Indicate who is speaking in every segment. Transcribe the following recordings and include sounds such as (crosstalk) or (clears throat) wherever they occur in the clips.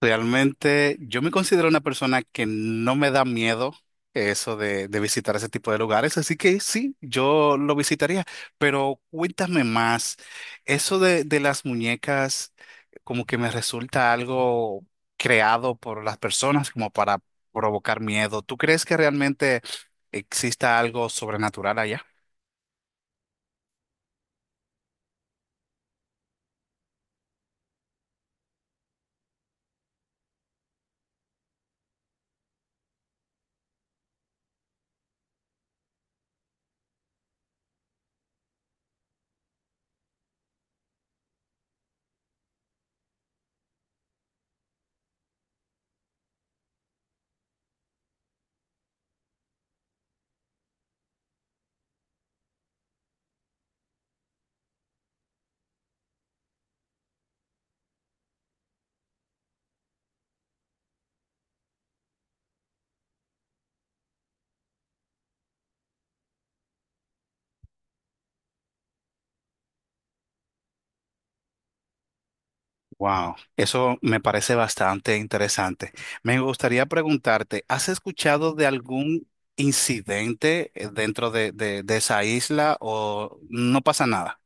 Speaker 1: Realmente yo me considero una persona que no me da miedo eso de visitar ese tipo de lugares, así que sí, yo lo visitaría, pero cuéntame más, eso de las muñecas como que me resulta algo creado por las personas como para provocar miedo. ¿Tú crees que realmente exista algo sobrenatural allá? Wow, eso me parece bastante interesante. Me gustaría preguntarte, ¿has escuchado de algún incidente dentro de esa isla o no pasa nada?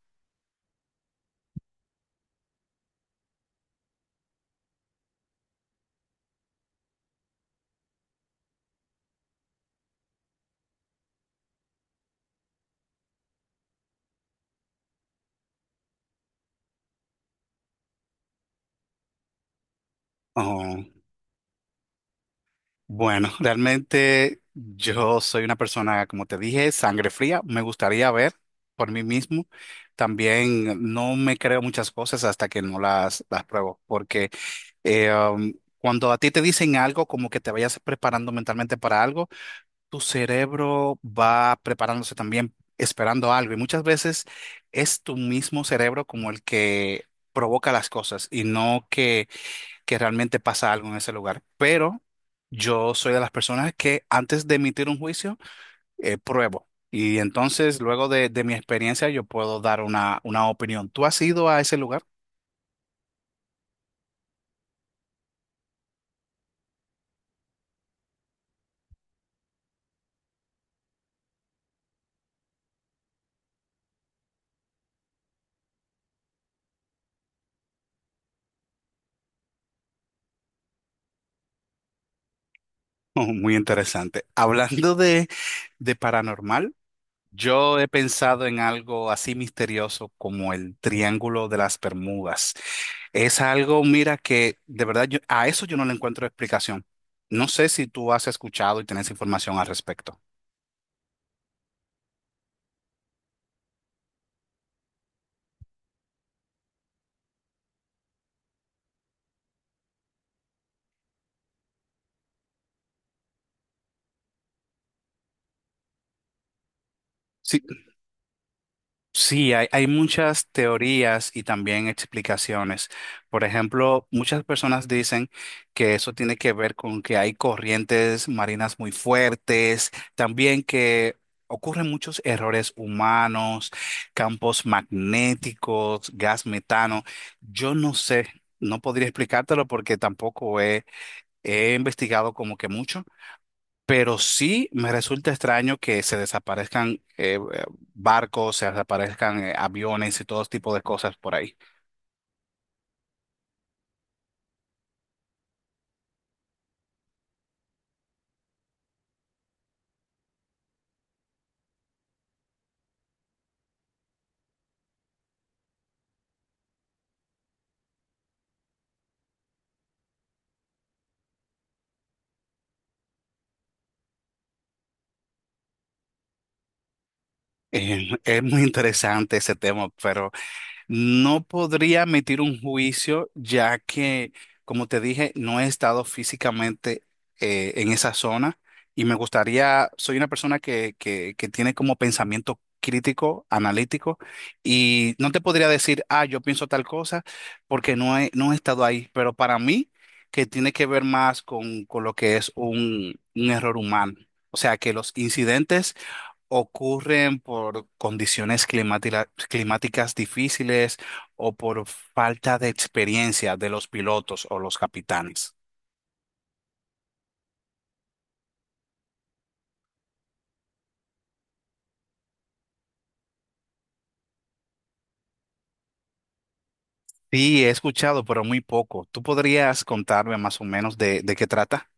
Speaker 1: Oh, bueno, (laughs) realmente yo soy una persona, como te dije, sangre fría. Me gustaría ver por mí mismo. También no me creo muchas cosas hasta que no las pruebo, porque eh, um, cuando a ti te dicen algo, como que te vayas preparando mentalmente para algo. Tu cerebro va preparándose también, esperando algo. Y muchas veces es tu mismo cerebro como el que provoca las cosas y no que realmente pasa algo en ese lugar. Pero yo soy de las personas que antes de emitir un juicio, pruebo. Y entonces, luego de mi experiencia, yo puedo dar una opinión. ¿Tú has ido a ese lugar? (laughs) Oh, muy interesante. Hablando de paranormal. Yo he pensado en algo así misterioso como el Triángulo de las Bermudas. Es algo, mira, que de verdad yo, a eso yo no le encuentro explicación. No sé si tú has escuchado y tienes información al respecto. Sí, hay muchas teorías y también explicaciones. Por ejemplo, muchas personas dicen que eso tiene que ver con que hay corrientes marinas muy fuertes, también que ocurren muchos errores humanos, campos magnéticos, gas metano. Yo no sé, no podría explicártelo porque tampoco he investigado como que mucho. Pero sí me resulta extraño que se desaparezcan barcos, se desaparezcan aviones y todo tipo de cosas por ahí. (laughs) Es muy interesante ese tema, pero no podría emitir un juicio ya que, como te dije, no he estado físicamente en esa zona y me gustaría, soy una persona que tiene como pensamiento crítico, analítico, y no te podría decir, ah, yo pienso tal cosa, porque no he estado ahí, pero para mí, que tiene que ver más con lo que es un error humano. O sea, que los incidentes ocurren por condiciones climáticas difíciles o por falta de experiencia de los pilotos o los capitanes. Sí, he escuchado, pero muy poco. ¿Tú podrías contarme más o menos de qué trata?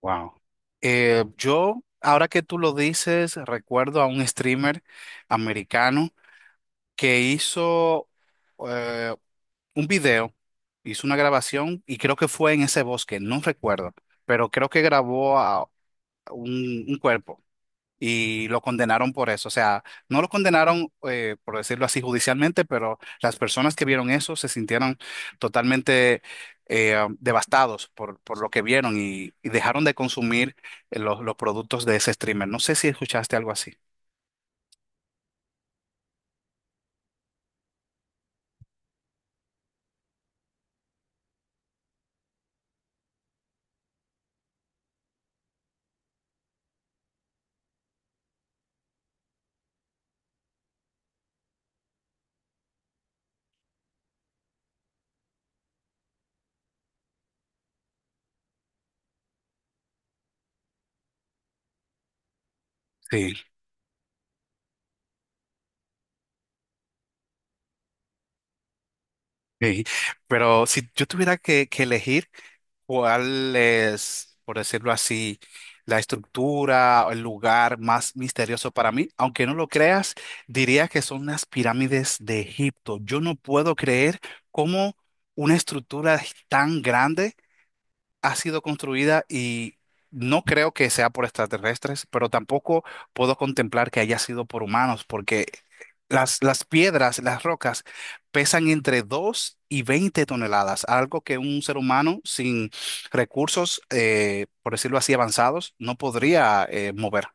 Speaker 1: Wow. Yo, ahora que tú lo dices, recuerdo a un streamer americano que hizo eh, un video, hizo una grabación y creo que fue en ese bosque, no recuerdo, pero creo que grabó un cuerpo y lo condenaron por eso. O sea, no lo condenaron, por decirlo así, judicialmente, pero las personas que vieron eso se sintieron totalmente devastados por lo que vieron y dejaron de consumir los productos de ese streamer. No sé si escuchaste algo así. Sí, sí. Pero si yo tuviera que elegir, ¿cuál es, por decirlo así, la estructura o el lugar más misterioso para mí? Aunque no lo creas, diría que son las pirámides de Egipto. Yo no puedo creer cómo una estructura tan grande ha sido construida y no creo que sea por extraterrestres, pero tampoco puedo contemplar que haya sido por humanos, porque las piedras, las rocas, pesan entre 2 y 20 toneladas, algo que un ser humano sin recursos, por decirlo así, avanzados, no podría mover.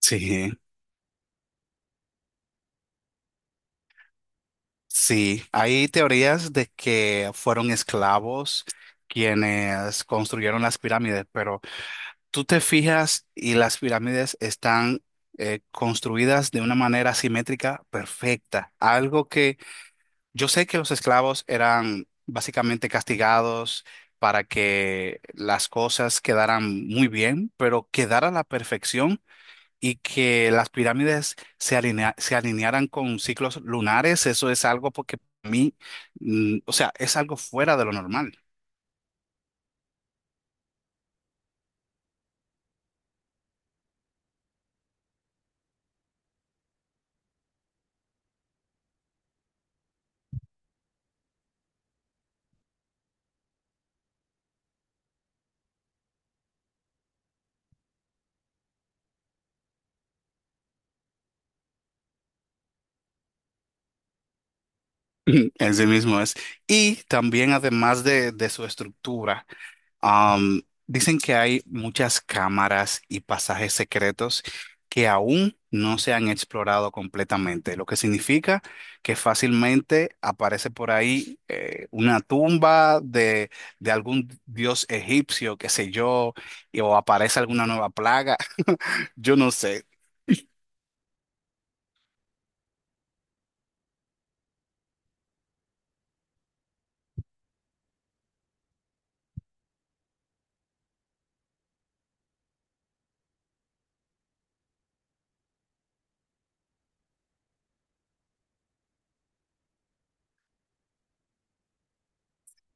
Speaker 1: Sí, sí, hay teorías de que fueron esclavos quienes construyeron las pirámides, pero tú te fijas y las pirámides están construidas de una manera simétrica perfecta. Algo que yo sé que los esclavos eran básicamente castigados para que las cosas quedaran muy bien, pero quedara a la perfección y que las pirámides se alinearan con ciclos lunares, eso es algo porque a mí, o sea, es algo fuera de lo normal. (clears throat) (laughs) Así mismo es. Y también, además de su estructura, dicen que hay muchas cámaras y pasajes secretos que aún no se han explorado completamente, lo que significa que fácilmente aparece por ahí una tumba de algún dios egipcio, qué sé yo, o aparece alguna nueva plaga, (laughs) yo no sé.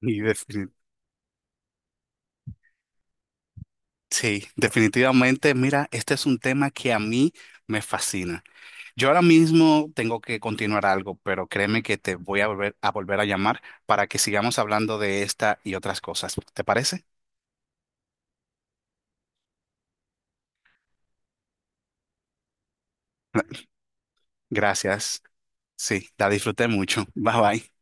Speaker 1: Y defini- sí, definitivamente, mira, este es un tema que a mí me fascina. Yo ahora mismo tengo que continuar algo, pero créeme que te voy a volver a llamar para que sigamos hablando de esta y otras cosas. ¿Te parece? (laughs) Gracias. Sí, la disfruté mucho. Bye bye.